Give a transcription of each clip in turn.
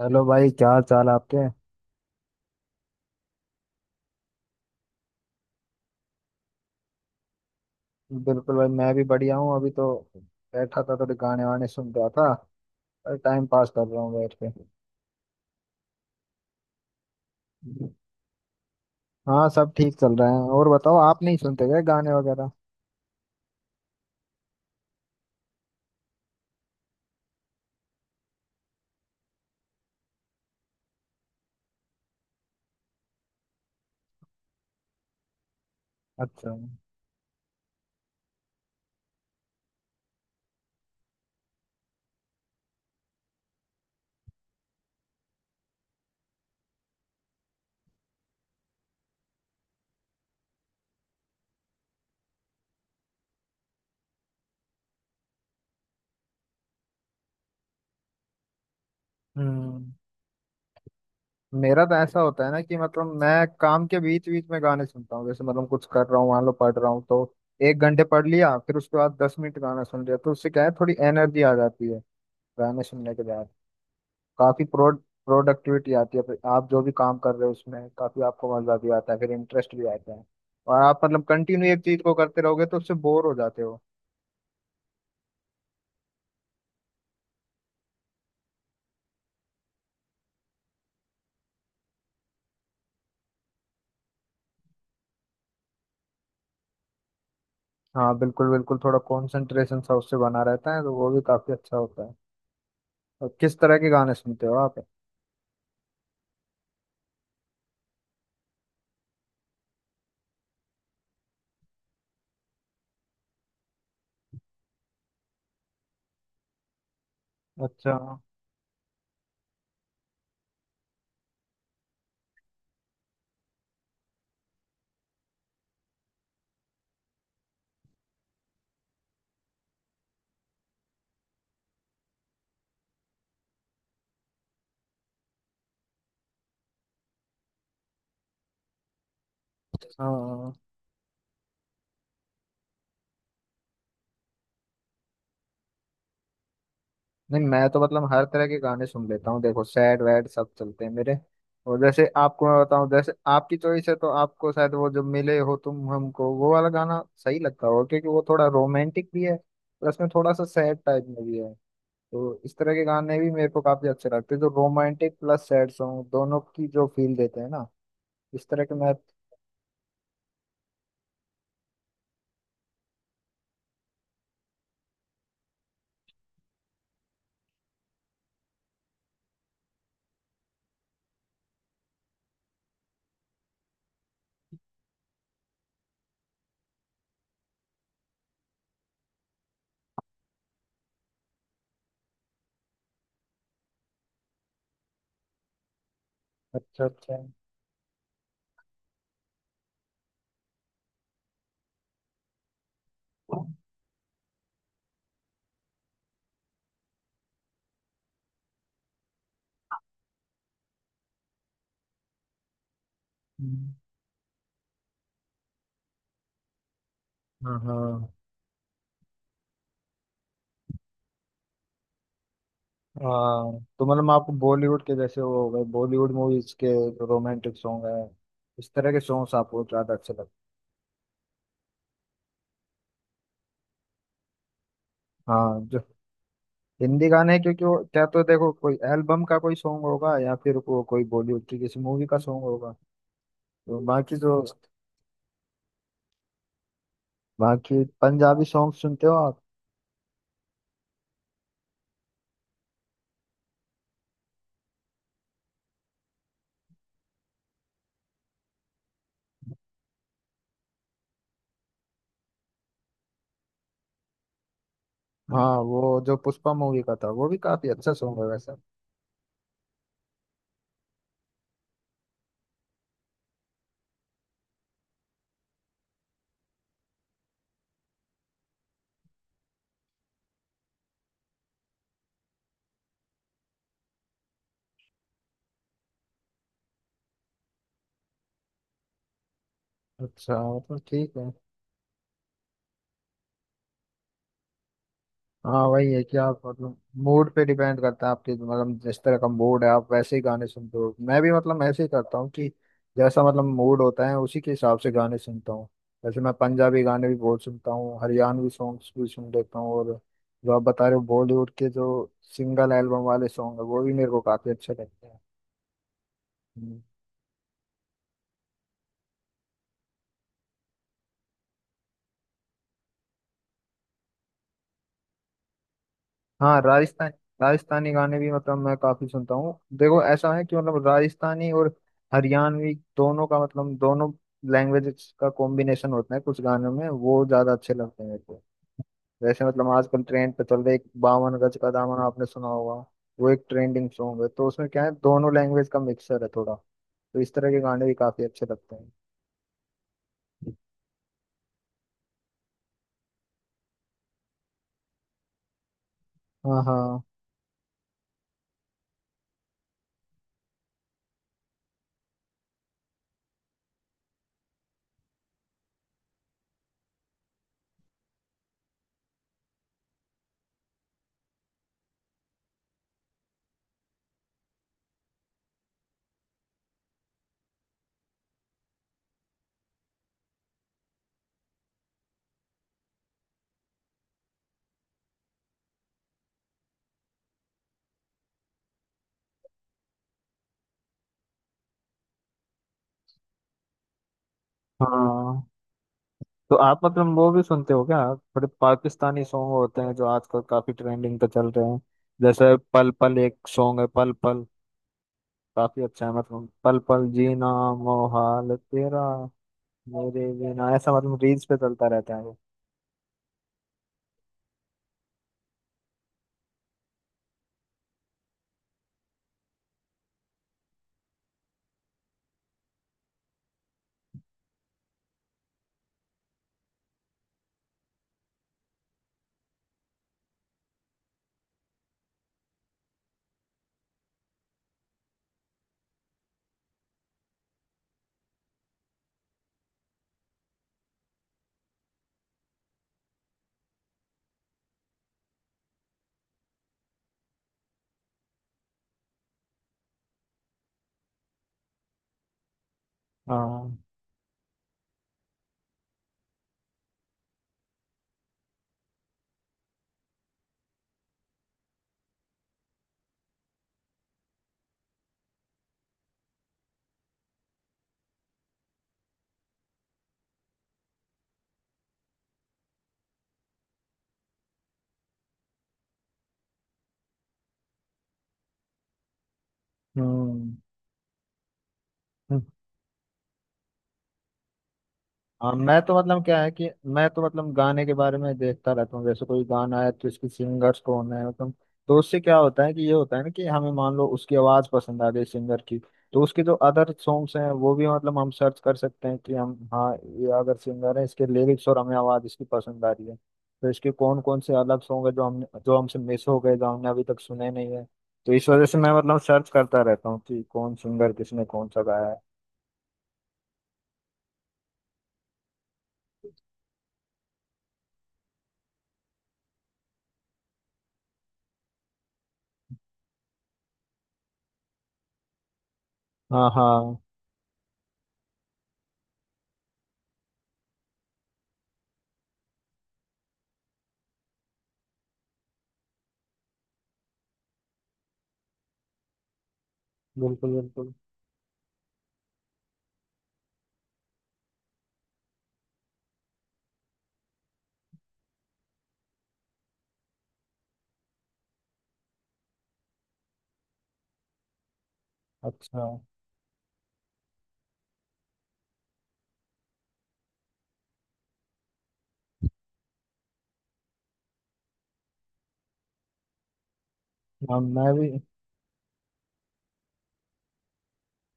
Hello भाई, क्या हाल चाल है आपके। बिल्कुल भाई, मैं भी बढ़िया हूँ। अभी तो बैठा था, थोड़े गाने वाने सुन रहा था और टाइम पास कर रहा हूँ बैठ के। हाँ, सब ठीक चल रहा है। और बताओ, आप नहीं सुनते क्या गाने वगैरह। अच्छा। हम्म मेरा तो ऐसा होता है ना कि मतलब मैं काम के बीच बीच में गाने सुनता हूँ। जैसे मतलब कुछ कर रहा हूँ, मान लो पढ़ रहा हूँ, तो 1 घंटे पढ़ लिया, फिर उसके बाद 10 मिनट गाना सुन लिया, तो उससे क्या है थोड़ी एनर्जी आ जाती है गाने सुनने के बाद। काफी प्रोडक्टिविटी आती है, फिर आप जो भी काम कर रहे हो उसमें काफी आपको मजा भी आता है, फिर इंटरेस्ट भी आता है। और आप मतलब कंटिन्यू एक चीज को करते रहोगे तो उससे बोर हो जाते हो। हाँ, बिल्कुल बिल्कुल, थोड़ा कॉन्सेंट्रेशन सा उससे बना रहता है तो वो भी काफी अच्छा होता है। और किस तरह के गाने सुनते हो आप। अच्छा। हाँ। नहीं, मैं तो मतलब हर तरह के गाने सुन लेता हूँ, देखो सैड वैड सब चलते हैं मेरे। और जैसे आपको मैं बताऊं, जैसे आपकी चॉइस है तो आपको शायद वो जब मिले हो तुम हमको वो वाला गाना सही लगता होगा, क्योंकि वो थोड़ा रोमांटिक भी है, प्लस में थोड़ा सा सैड टाइप में भी है। तो इस तरह के गाने भी मेरे को काफी अच्छे लगते हैं, जो रोमांटिक प्लस सैड सॉन्ग दोनों की जो फील देते हैं ना, इस तरह के मैं। अच्छा, अच्छा। हम्म। हाँ हाँ हाँ। तो मतलब आपको बॉलीवुड के, जैसे वो हो गए बॉलीवुड मूवीज के, रोमांटिक सॉन्ग है, इस तरह के सॉन्ग्स आपको ज्यादा अच्छे लगते हैं। हाँ, जो हिंदी गाने हैं, क्योंकि वो क्या तो देखो, कोई एल्बम का कोई सॉन्ग होगा या फिर वो कोई बॉलीवुड की किसी मूवी का सॉन्ग होगा। तो बाकी जो, बाकी पंजाबी सॉन्ग सुनते हो आप। हाँ, वो जो पुष्पा मूवी का था वो भी काफी अच्छा सॉन्ग है वैसे। अच्छा, मतलब ठीक है। हाँ, वही है कि आप मतलब मूड पे डिपेंड करता है आपके, मतलब जिस तरह का मूड है आप वैसे ही गाने सुनते हो, मैं भी मतलब ऐसे ही करता हूँ कि जैसा मतलब मूड होता है उसी के हिसाब से गाने सुनता हूँ। जैसे मैं पंजाबी गाने भी बहुत सुनता हूँ, हरियाणवी सॉन्ग्स भी सुन लेता हूँ, और जो आप बता रहे हो बॉलीवुड के जो सिंगल एल्बम वाले सॉन्ग है, वो भी मेरे को काफी अच्छे लगते हैं। हम्म। हाँ, राजस्थानी गाने भी मतलब मैं काफी सुनता हूँ। देखो ऐसा है कि मतलब राजस्थानी और हरियाणवी दोनों का मतलब दोनों लैंग्वेजेस का कॉम्बिनेशन होता है कुछ गानों में, वो ज्यादा अच्छे लगते हैं मेरे को। जैसे मतलब आजकल ट्रेंड पे चल रहा है एक बावन गज का दामन, आपने सुना होगा। वो एक ट्रेंडिंग सॉन्ग है, तो उसमें क्या है दोनों लैंग्वेज का मिक्सर है थोड़ा, तो इस तरह के गाने भी काफी अच्छे लगते हैं। हाँ हाँ हाँ। तो आप मतलब वो भी सुनते हो क्या, थोड़े पाकिस्तानी सॉन्ग होते हैं जो आजकल काफी ट्रेंडिंग पे चल रहे हैं। जैसे पल पल एक सॉन्ग है, पल पल काफी अच्छा है, मतलब पल पल जीना मोहाल तेरा मेरे बिना, ऐसा मतलब रील्स पे चलता रहता है वो। हाँ। हम्म। हाँ, मैं तो मतलब क्या है कि मैं तो मतलब गाने के बारे में देखता रहता हूँ, जैसे कोई गाना है तो इसके सिंगर्स कौन है मतलब। तो उससे क्या होता है कि ये होता है ना कि हमें मान लो उसकी आवाज पसंद आ गई सिंगर की, तो उसके जो अदर सॉन्ग्स हैं वो भी मतलब हम सर्च कर सकते हैं कि हम, हाँ, ये अगर सिंगर है इसके लिरिक्स और हमें आवाज इसकी पसंद आ रही है तो इसके कौन कौन से अलग सॉन्ग है जो हमसे मिस हो गए, जो हमने अभी तक सुने नहीं है। तो इस वजह से मैं मतलब सर्च करता रहता हूँ कि कौन सिंगर किसने कौन सा गाया है। हाँ, हाँ। बिल्कुल बिल्कुल। अच्छा। हाँ, मैं भी।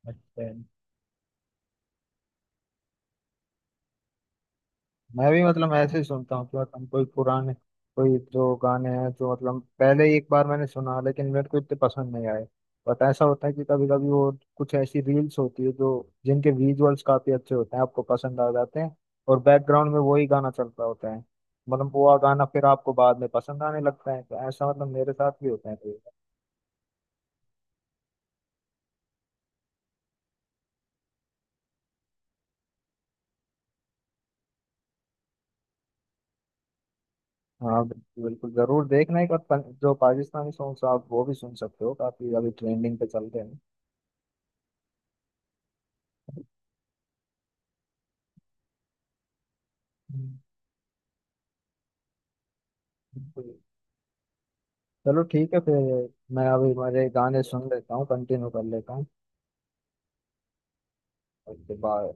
अच्छा, मैं भी मतलब ऐसे ही सुनता हूँ कि मतलब कोई जो गाने हैं जो मतलब पहले ही एक बार मैंने सुना, लेकिन मेरे को इतने पसंद नहीं आए। बट ऐसा होता है कि कभी कभी वो कुछ ऐसी रील्स होती है जो जिनके विजुअल्स काफी अच्छे होते हैं, आपको पसंद आ जाते हैं, और बैकग्राउंड में वही गाना चलता होता है, मतलब वो गाना फिर आपको बाद में पसंद आने लगता है, तो ऐसा मतलब मेरे साथ भी होता है कई बार। हाँ, बिल्कुल बिल्कुल, जरूर देखना एक बार, जो पाकिस्तानी सॉन्ग्स आप वो भी सुन सकते हो, काफी अभी ट्रेंडिंग पे चलते हैं। बिल्कुल। चलो ठीक है फिर, मैं अभी मेरे गाने सुन लेता हूँ, कंटिन्यू कर लेता हूँ उसके बाद।